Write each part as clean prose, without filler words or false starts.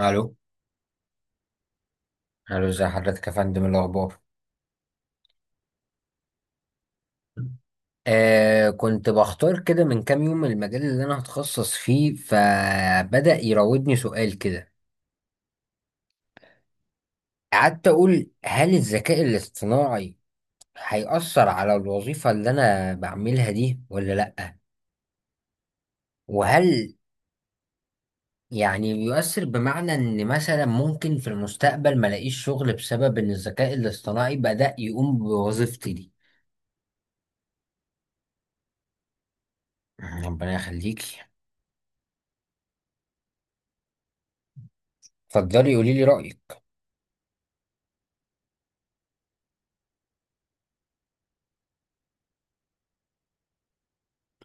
الو. الو، ازي حضرتك يا فندم؟ إيه الاخبار؟ آه كنت بختار كده من كام يوم المجال اللي انا هتخصص فيه، فبدأ يراودني سؤال كده. قعدت اقول هل الذكاء الاصطناعي هيأثر على الوظيفة اللي انا بعملها دي ولا لأ؟ وهل يعني بيؤثر بمعنى ان مثلا ممكن في المستقبل ما الاقيش شغل بسبب ان الذكاء الاصطناعي بدأ يقوم بوظيفتي دي؟ ربنا يخليكي، اتفضلي قولي لي رأيك.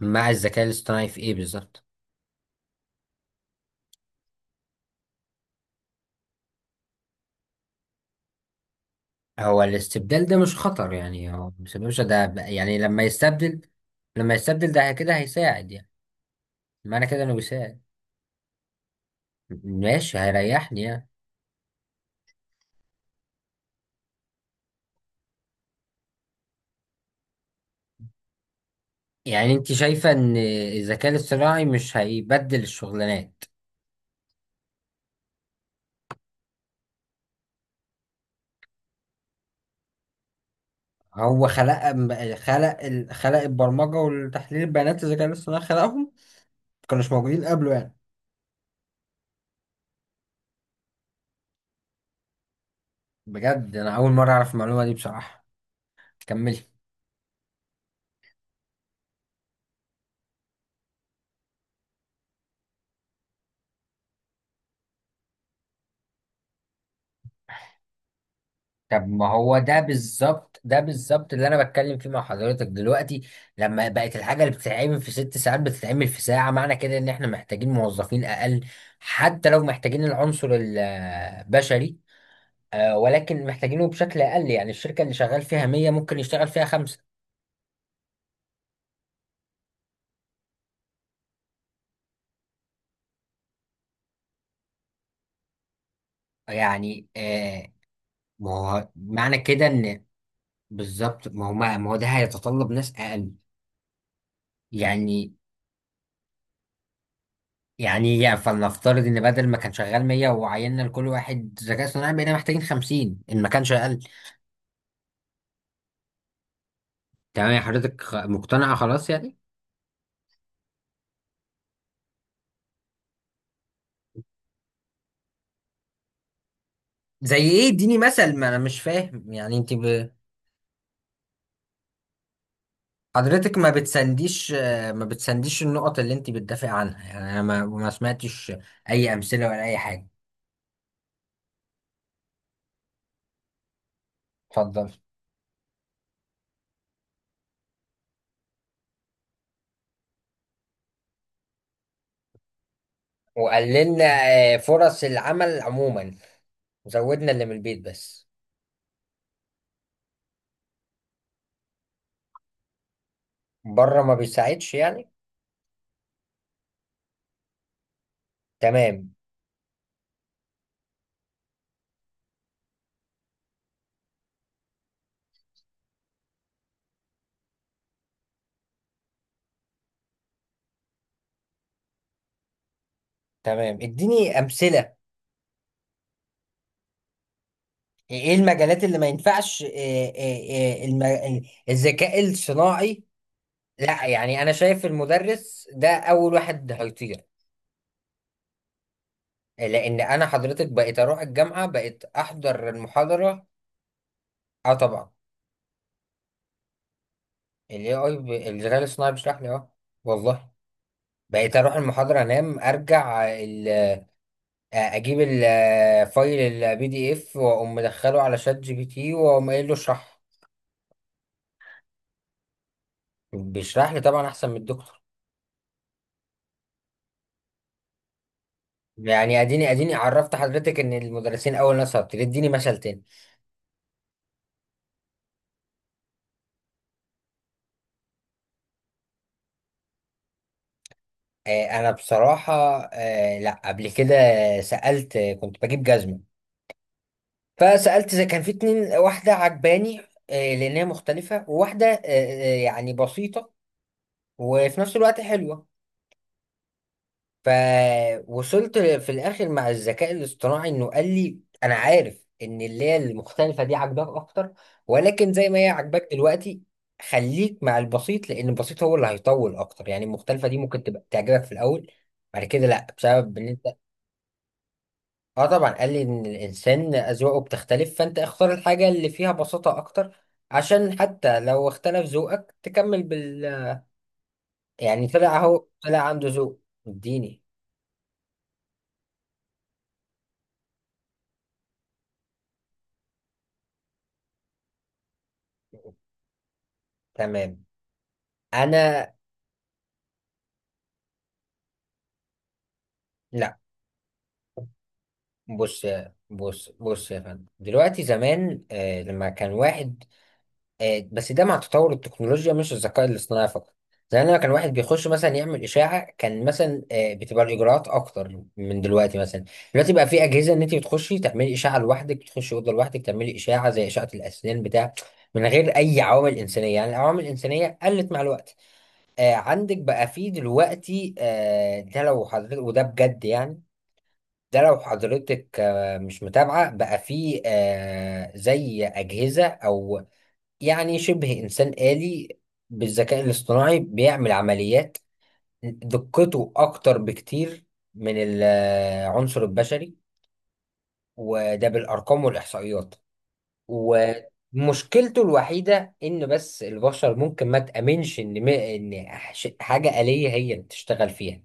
مع الذكاء الاصطناعي في ايه بالظبط؟ هو الاستبدال ده مش خطر؟ يعني هو مش باشا ده يعني لما يستبدل. لما يستبدل ده كده هيساعد يعني. معنى كده انه بيساعد، ماشي هيريحني يعني. يعني انت شايفة ان الذكاء الاصطناعي مش هيبدل الشغلانات؟ هو خلق خلق خلق البرمجة والتحليل البيانات؟ الذكاء الاصطناعي خلقهم؟ ما كانوش موجودين قبله يعني؟ بجد انا اول مرة اعرف المعلومة دي بصراحة. كملي. طب ما هو ده بالظبط، اللي انا بتكلم فيه مع حضرتك دلوقتي. لما بقت الحاجه اللي بتتعمل في ست ساعات بتتعمل في ساعه، معنى كده ان احنا محتاجين موظفين اقل. حتى لو محتاجين العنصر البشري، ولكن محتاجينه بشكل اقل. يعني الشركه اللي شغال فيها 100 ممكن يشتغل فيها خمسه. يعني ما هو معنى كده ان بالظبط. ما هو ما هو ده هيتطلب ناس اقل. يعني يعني يا فلنفترض ان بدل ما كان شغال 100 وعيننا لكل واحد ذكاء اصطناعي بقينا محتاجين 50، ان ما كانش اقل؟ تمام يا حضرتك مقتنعه خلاص يعني. زي ايه؟ اديني مثل، ما انا مش فاهم يعني انت حضرتك ما بتسنديش، ما بتسنديش النقط اللي انت بتدافع عنها. يعني انا ما سمعتش اي امثله ولا اي حاجه. اتفضل. وقللنا فرص العمل عموما، وزودنا اللي من البيت بس. بره ما بيساعدش يعني؟ تمام. تمام، اديني امثله. ايه المجالات اللي ما ينفعش، الذكاء الصناعي؟ لا، يعني انا شايف المدرس ده اول واحد هيطير. لان انا حضرتك بقيت اروح الجامعه، بقيت احضر المحاضره. اه طبعا. الاي اي الذكاء الصناعي بيشرح لي. اه، والله. بقيت اروح المحاضره انام ارجع اجيب الفايل البي دي اف، واقوم مدخله على شات جي بي تي واقوم قايل له اشرح. بيشرح لي طبعا احسن من الدكتور. يعني اديني. عرفت حضرتك ان المدرسين اول ناس هبطل. اديني مثل تاني. آه انا بصراحه لا قبل كده سالت. كنت بجيب جزمه فسالت. زي كان في اتنين، واحده عجباني آه لان هي مختلفه، وواحده يعني بسيطه وفي نفس الوقت حلوه. فوصلت في الاخر مع الذكاء الاصطناعي انه قال لي انا عارف ان اللي هي المختلفه دي عاجباك اكتر، ولكن زي ما هي عاجباك دلوقتي خليك مع البسيط، لان البسيط هو اللي هيطول اكتر. يعني المختلفه دي ممكن تبقى تعجبك في الاول، بعد كده لا، بسبب ان انت. اه طبعا قال لي ان الانسان اذواقه بتختلف، فانت اختار الحاجه اللي فيها بساطه اكتر عشان حتى لو اختلف ذوقك تكمل بال. يعني طلع اهو، طلع عنده ذوق. اديني. تمام. انا. لا. بص يا فندم، دلوقتي زمان لما كان واحد. آه بس ده مع تطور التكنولوجيا مش الذكاء الاصطناعي فقط. زمان لما كان واحد بيخش مثلا يعمل اشاعه كان مثلا بتبقى الاجراءات اكتر من دلوقتي. مثلا دلوقتي بقى في اجهزه ان انت بتخشي تعملي اشاعه لوحدك، بتخشي اوضه لوحدك تعملي اشاعه زي اشعه الاسنان بتاع، من غير اي عوامل انسانيه. يعني العوامل الانسانيه قلت مع الوقت. آه عندك بقى في دلوقتي، آه ده لو حضرتك وده بجد يعني، ده لو حضرتك مش متابعة، بقى فيه زي أجهزة أو يعني شبه إنسان آلي بالذكاء الاصطناعي بيعمل عمليات. دقته أكتر بكتير من العنصر البشري. وده بالأرقام والإحصائيات. ومشكلته الوحيدة إن بس البشر ممكن ما تأمنش إن إن حاجة آلية هي اللي تشتغل فيها.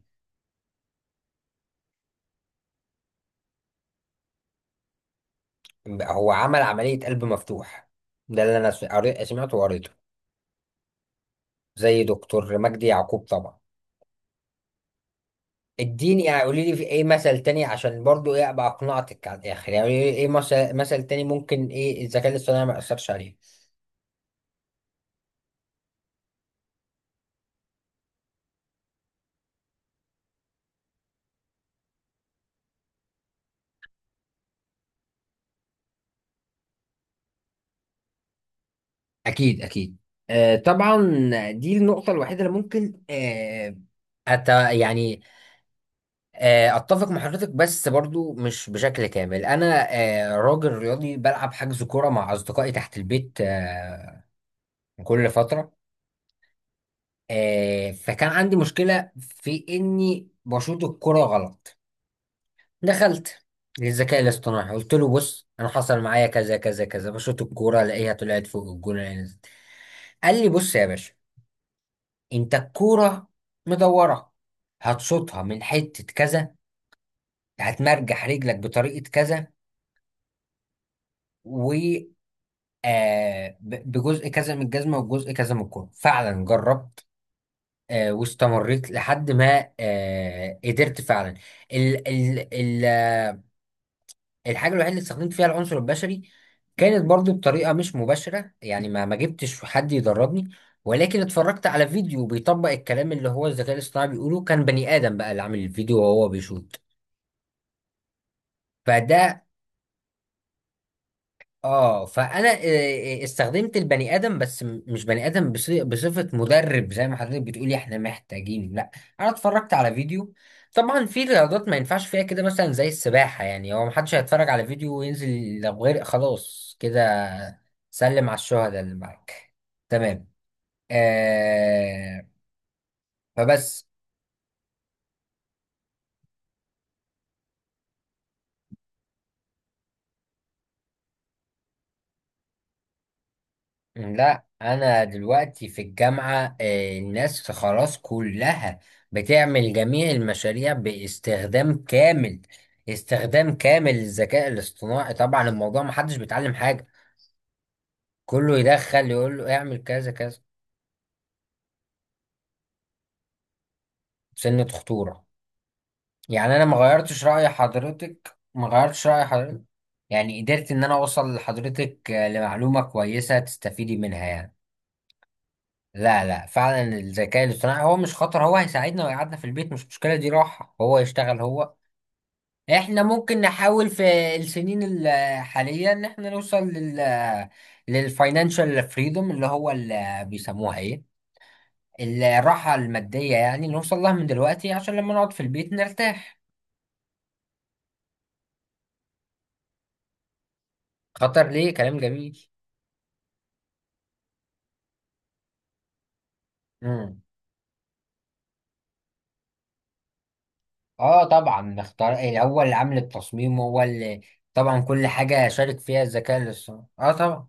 هو عمل عملية قلب مفتوح. ده اللي أنا سمعته وقريته. زي دكتور مجدي يعقوب طبعا. اديني يعني قولي لي في ايه مثل تاني، عشان برضو ايه ابقى اقنعتك على الاخر. يعني قولي لي ايه مثل تاني ممكن ايه الذكاء الاصطناعي ما ياثرش عليه. اكيد اكيد، آه طبعا. دي النقطه الوحيده اللي ممكن آه أت يعني اتفق مع حضرتك، بس برضو مش بشكل كامل. انا آه راجل رياضي بلعب حجز كوره مع اصدقائي تحت البيت آه كل فتره. آه فكان عندي مشكله في اني بشوط الكوره غلط. دخلت للذكاء الاصطناعي، قلت له بص انا حصل معايا كذا كذا كذا، بشوط الكوره الاقيها طلعت فوق الجون ألاقيها نزلت. قال لي بص يا باشا، انت الكوره مدوره، هتشوطها من حته كذا، هتمرجح رجلك بطريقه كذا و بجزء كذا من الجزمه وجزء كذا من الكوره. فعلا جربت، واستمريت لحد ما قدرت فعلا. ال ال ال الحاجة الوحيدة اللي استخدمت فيها العنصر البشري كانت برضو بطريقة مش مباشرة، يعني ما جبتش حد يدربني، ولكن اتفرجت على فيديو بيطبق الكلام اللي هو الذكاء الاصطناعي بيقوله. كان بني آدم بقى اللي عامل الفيديو وهو بيشوت. فده اه فانا استخدمت البني ادم، بس مش بني ادم بصفه مدرب زي ما حضرتك بتقولي احنا محتاجين. لا انا اتفرجت على فيديو. طبعا في رياضات ما ينفعش فيها كده، مثلا زي السباحه يعني، هو محدش هيتفرج على فيديو وينزل، لو غرق خلاص كده. سلم على الشهداء اللي معاك. تمام. آه فبس. لا انا دلوقتي في الجامعة الناس خلاص كلها بتعمل جميع المشاريع باستخدام كامل، استخدام كامل للذكاء الاصطناعي. طبعا الموضوع محدش بيتعلم حاجة، كله يدخل يقول له اعمل كذا كذا. سنة خطورة يعني. انا ما غيرتش رأي حضرتك، ما غيرتش رأي حضرتك. يعني قدرت ان انا اوصل لحضرتك لمعلومة كويسة تستفيدي منها يعني. لا لا، فعلا الذكاء الاصطناعي هو مش خطر، هو هيساعدنا ويقعدنا في البيت، مش مشكلة دي راحة، هو يشتغل هو. احنا ممكن نحاول في السنين الحالية ان احنا نوصل للفاينانشال فريدوم، اللي هو اللي بيسموها ايه، الراحة المادية، يعني نوصل لها من دلوقتي عشان لما نقعد في البيت نرتاح. خطر ليه؟ كلام جميل. امم اه طبعا. نختار الاول، عامل التصميم هو اللي، طبعا كل حاجة شارك فيها الذكاء الاصطناعي اه طبعا.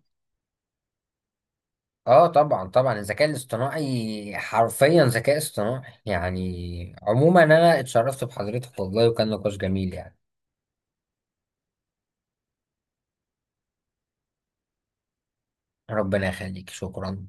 اه طبعا طبعا، الذكاء الاصطناعي حرفيا ذكاء اصطناعي يعني. عموما انا اتشرفت بحضرتك والله، وكان نقاش جميل يعني. ربنا يخليك، شكرا.